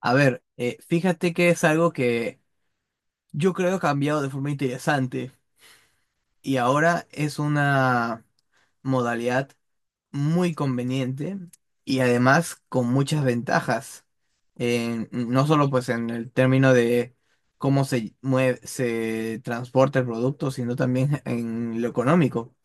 A ver, fíjate que es algo que yo creo ha cambiado de forma interesante y ahora es una modalidad muy conveniente y además con muchas ventajas. No solo pues en el término de cómo se mueve, se transporta el producto, sino también en lo económico.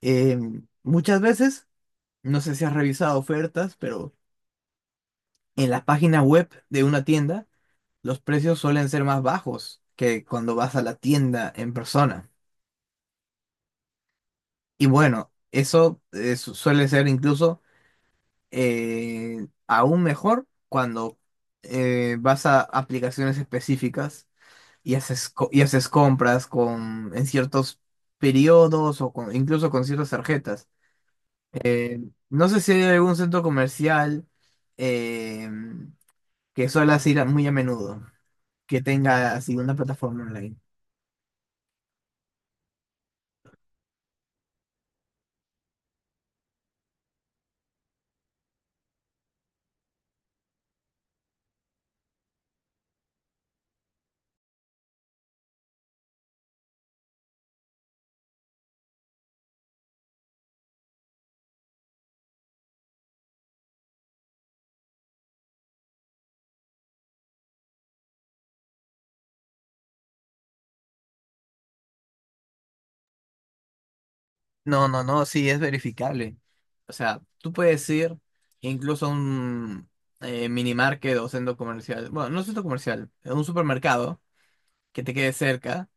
Eh, Muchas veces, no sé si has revisado ofertas, pero en las páginas web de una tienda, los precios suelen ser más bajos que cuando vas a la tienda en persona. Y bueno, eso suele ser incluso aún mejor cuando vas a aplicaciones específicas y y haces compras con, en ciertos periodos o incluso con ciertas tarjetas. Eh, no sé si hay algún centro comercial eh, que suelas muy a menudo, que tenga así una plataforma online. No, no, no, sí, es verificable. O sea, tú puedes ir incluso a un mini market o centro comercial, bueno, no centro comercial, a un supermercado que te quede cerca,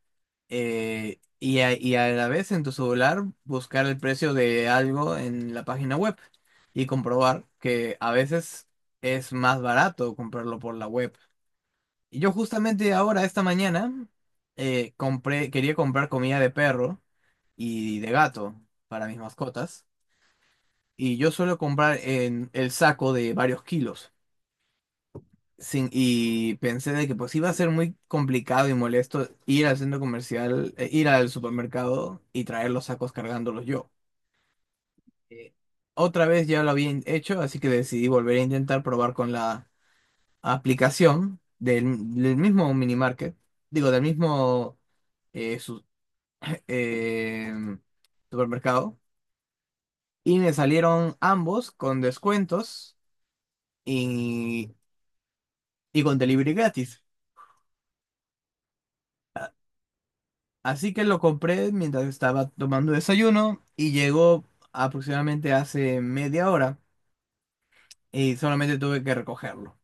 y, y a la vez en tu celular buscar el precio de algo en la página web y comprobar que a veces es más barato comprarlo por la web. Y yo justamente ahora, esta mañana, compré, quería comprar comida de perro y de gato para mis mascotas. Y yo suelo comprar en el saco de varios kilos. Sin, Y pensé de que pues iba a ser muy complicado y molesto ir al centro comercial, ir al supermercado y traer los sacos cargándolos yo. Eh, Otra vez ya lo había hecho, así que decidí volver a intentar probar con la aplicación del, del mismo mini market, digo, del mismo eh, su- em, supermercado. Y me salieron ambos con descuentos y con delivery gratis. Así que lo compré mientras estaba tomando desayuno y llegó aproximadamente hace media hora y solamente tuve que recogerlo.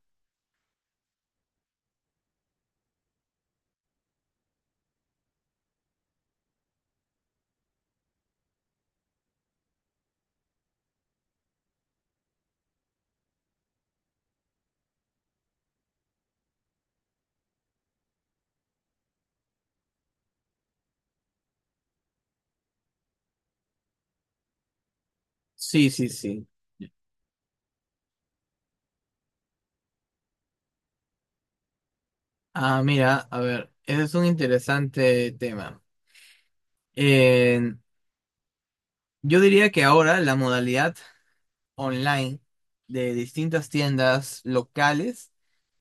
Sí, sí, sí. Ah, mira, a ver, ese es un interesante tema. Eh, yo diría que ahora la modalidad online de distintas tiendas locales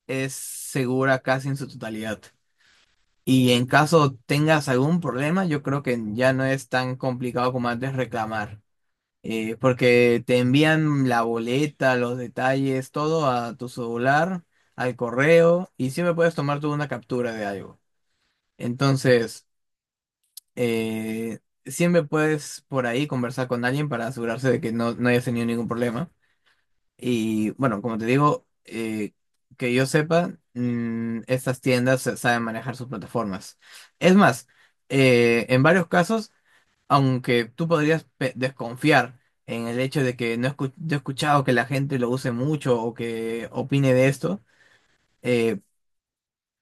es segura casi en su totalidad. Y en caso tengas algún problema, yo creo que ya no es tan complicado como antes reclamar. Porque te envían la boleta, los detalles, todo a tu celular, al correo, y siempre puedes tomar tú una captura de algo. Entonces, eh, siempre puedes por ahí conversar con alguien para asegurarse de que no, no hayas tenido ningún problema. Y bueno, como te digo, que yo sepa, estas tiendas saben manejar sus plataformas. Es más, en varios casos aunque tú podrías desconfiar en el hecho de que no escu- yo he escuchado que la gente lo use mucho o que opine de esto, eh,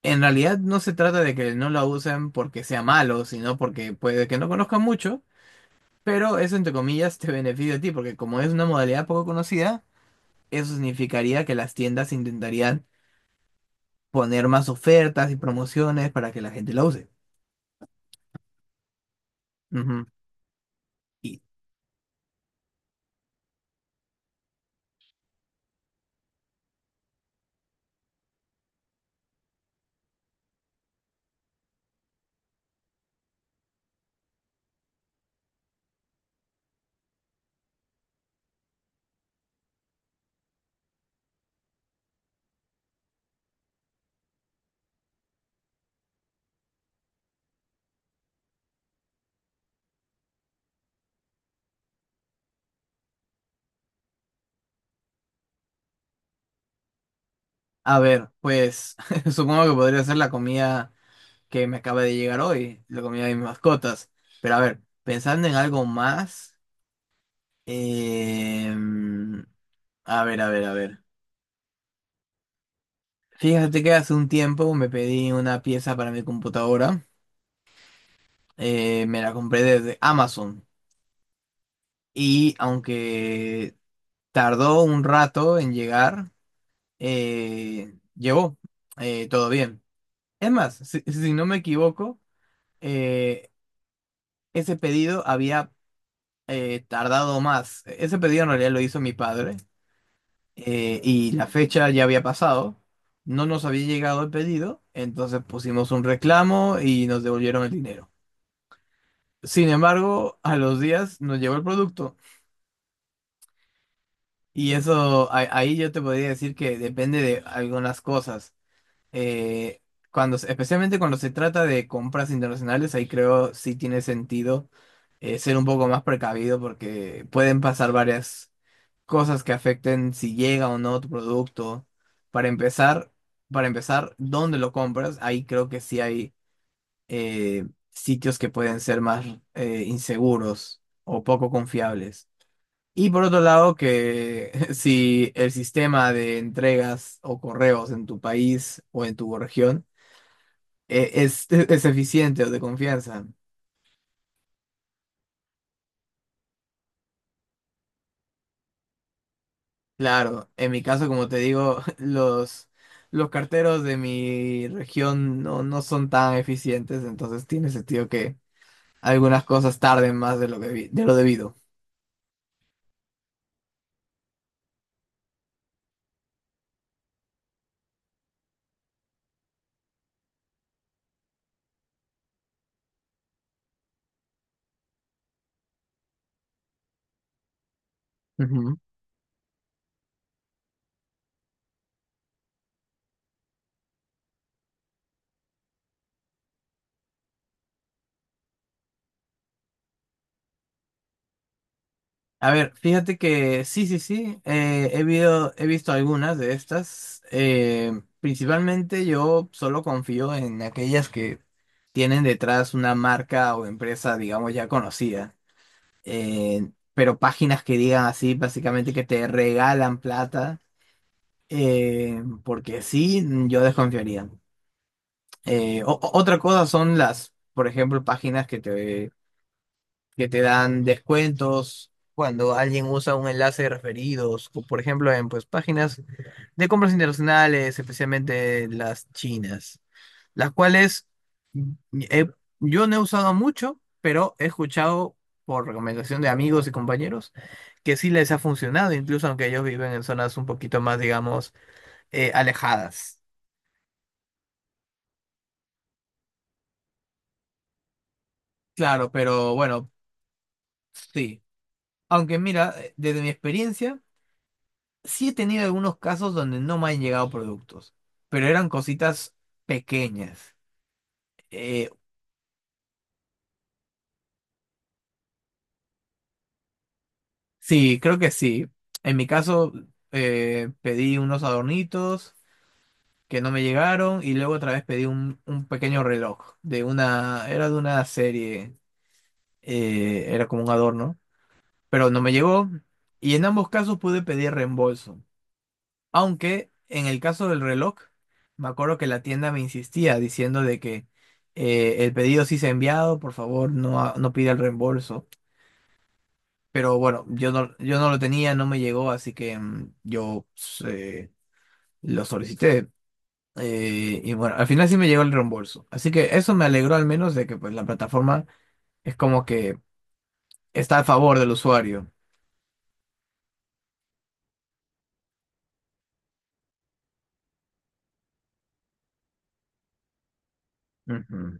en realidad no se trata de que no lo usen porque sea malo, sino porque puede que no conozcan mucho, pero eso entre comillas te beneficia a ti, porque como es una modalidad poco conocida, eso significaría que las tiendas intentarían poner más ofertas y promociones para que la gente la use. Ujú. Y a ver, pues supongo que podría ser la comida que me acaba de llegar hoy, la comida de mis mascotas. Pero a ver, pensando en algo más, em, a ver, a ver, a ver. Fíjate que hace un tiempo me pedí una pieza para mi computadora, me la compré desde Amazon y aunque tardó un rato en llegar, llegó, todo bien. Es más, si no me equivoco, eh, ese pedido había tardado más. Ese pedido en realidad lo hizo mi padre, y la fecha ya había pasado. No nos había llegado el pedido, entonces pusimos un reclamo y nos devolvieron el dinero. Sin embargo, a los días nos llegó el producto y eso ahí yo te podría decir que depende de algunas cosas. Eh, Especialmente cuando se trata de compras internacionales, ahí creo sí tiene sentido ser un poco más precavido porque pueden pasar varias cosas que afecten si llega o no tu producto. Para empezar, para empezar, ¿dónde lo compras? Ahí creo que sí hay sitios que pueden ser más inseguros o poco confiables. Y por otro lado, que si el sistema de entregas o correos en tu país o en tu región es, es eficiente o de confianza. Claro, en mi caso, como te digo, los carteros de mi región no, no son tan eficientes, entonces tiene sentido que algunas cosas tarden más de lo, de lo debido. Ujú. A ver, fíjate que sí, sí, sí, he visto algunas de estas. Principalmente yo solo confío en aquellas que tienen detrás una marca o empresa, digamos, ya conocida. Pero páginas que digan así, básicamente que te regalan plata, porque sí, yo desconfiaría. Otra cosa son las, por ejemplo, páginas que te dan descuentos cuando alguien usa un enlace de referidos, o por ejemplo en pues, páginas de compras internacionales, especialmente las chinas, las cuales he- yo no he usado mucho, pero he escuchado por recomendación de amigos y compañeros que sí les ha funcionado, incluso aunque ellos viven en zonas un poquito más, digamos, alejadas. Claro, pero bueno, sí. Aunque mira, desde mi experiencia, sí he tenido algunos casos donde no me han llegado productos, pero eran cositas pequeñas. Eh, sí, creo que sí. En mi caso, pedí unos adornitos que no me llegaron y luego otra vez pedí un pequeño reloj de una, era de una serie, era como un adorno, pero no me llegó y en ambos casos pude pedir reembolso. Aunque en el caso del reloj, me acuerdo que la tienda me insistía diciendo de que el pedido sí se ha enviado, por favor, no pida el reembolso. Pero bueno, yo no, yo no lo tenía, no me llegó, así que yo pues, lo solicité. Y bueno, al final sí me llegó el reembolso. Así que eso me alegró al menos de que pues la plataforma es como que está a favor del usuario. Ujú.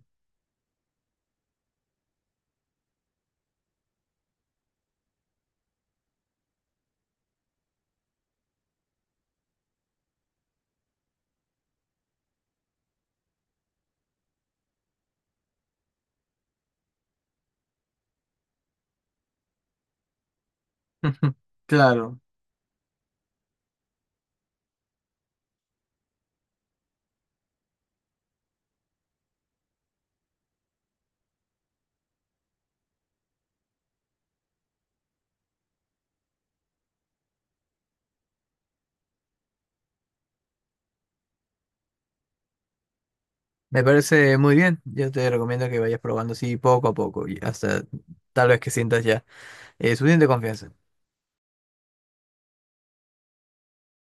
Claro. Me parece muy bien. Yo te recomiendo que vayas probando así poco a poco y hasta tal vez que sientas ya suficiente confianza.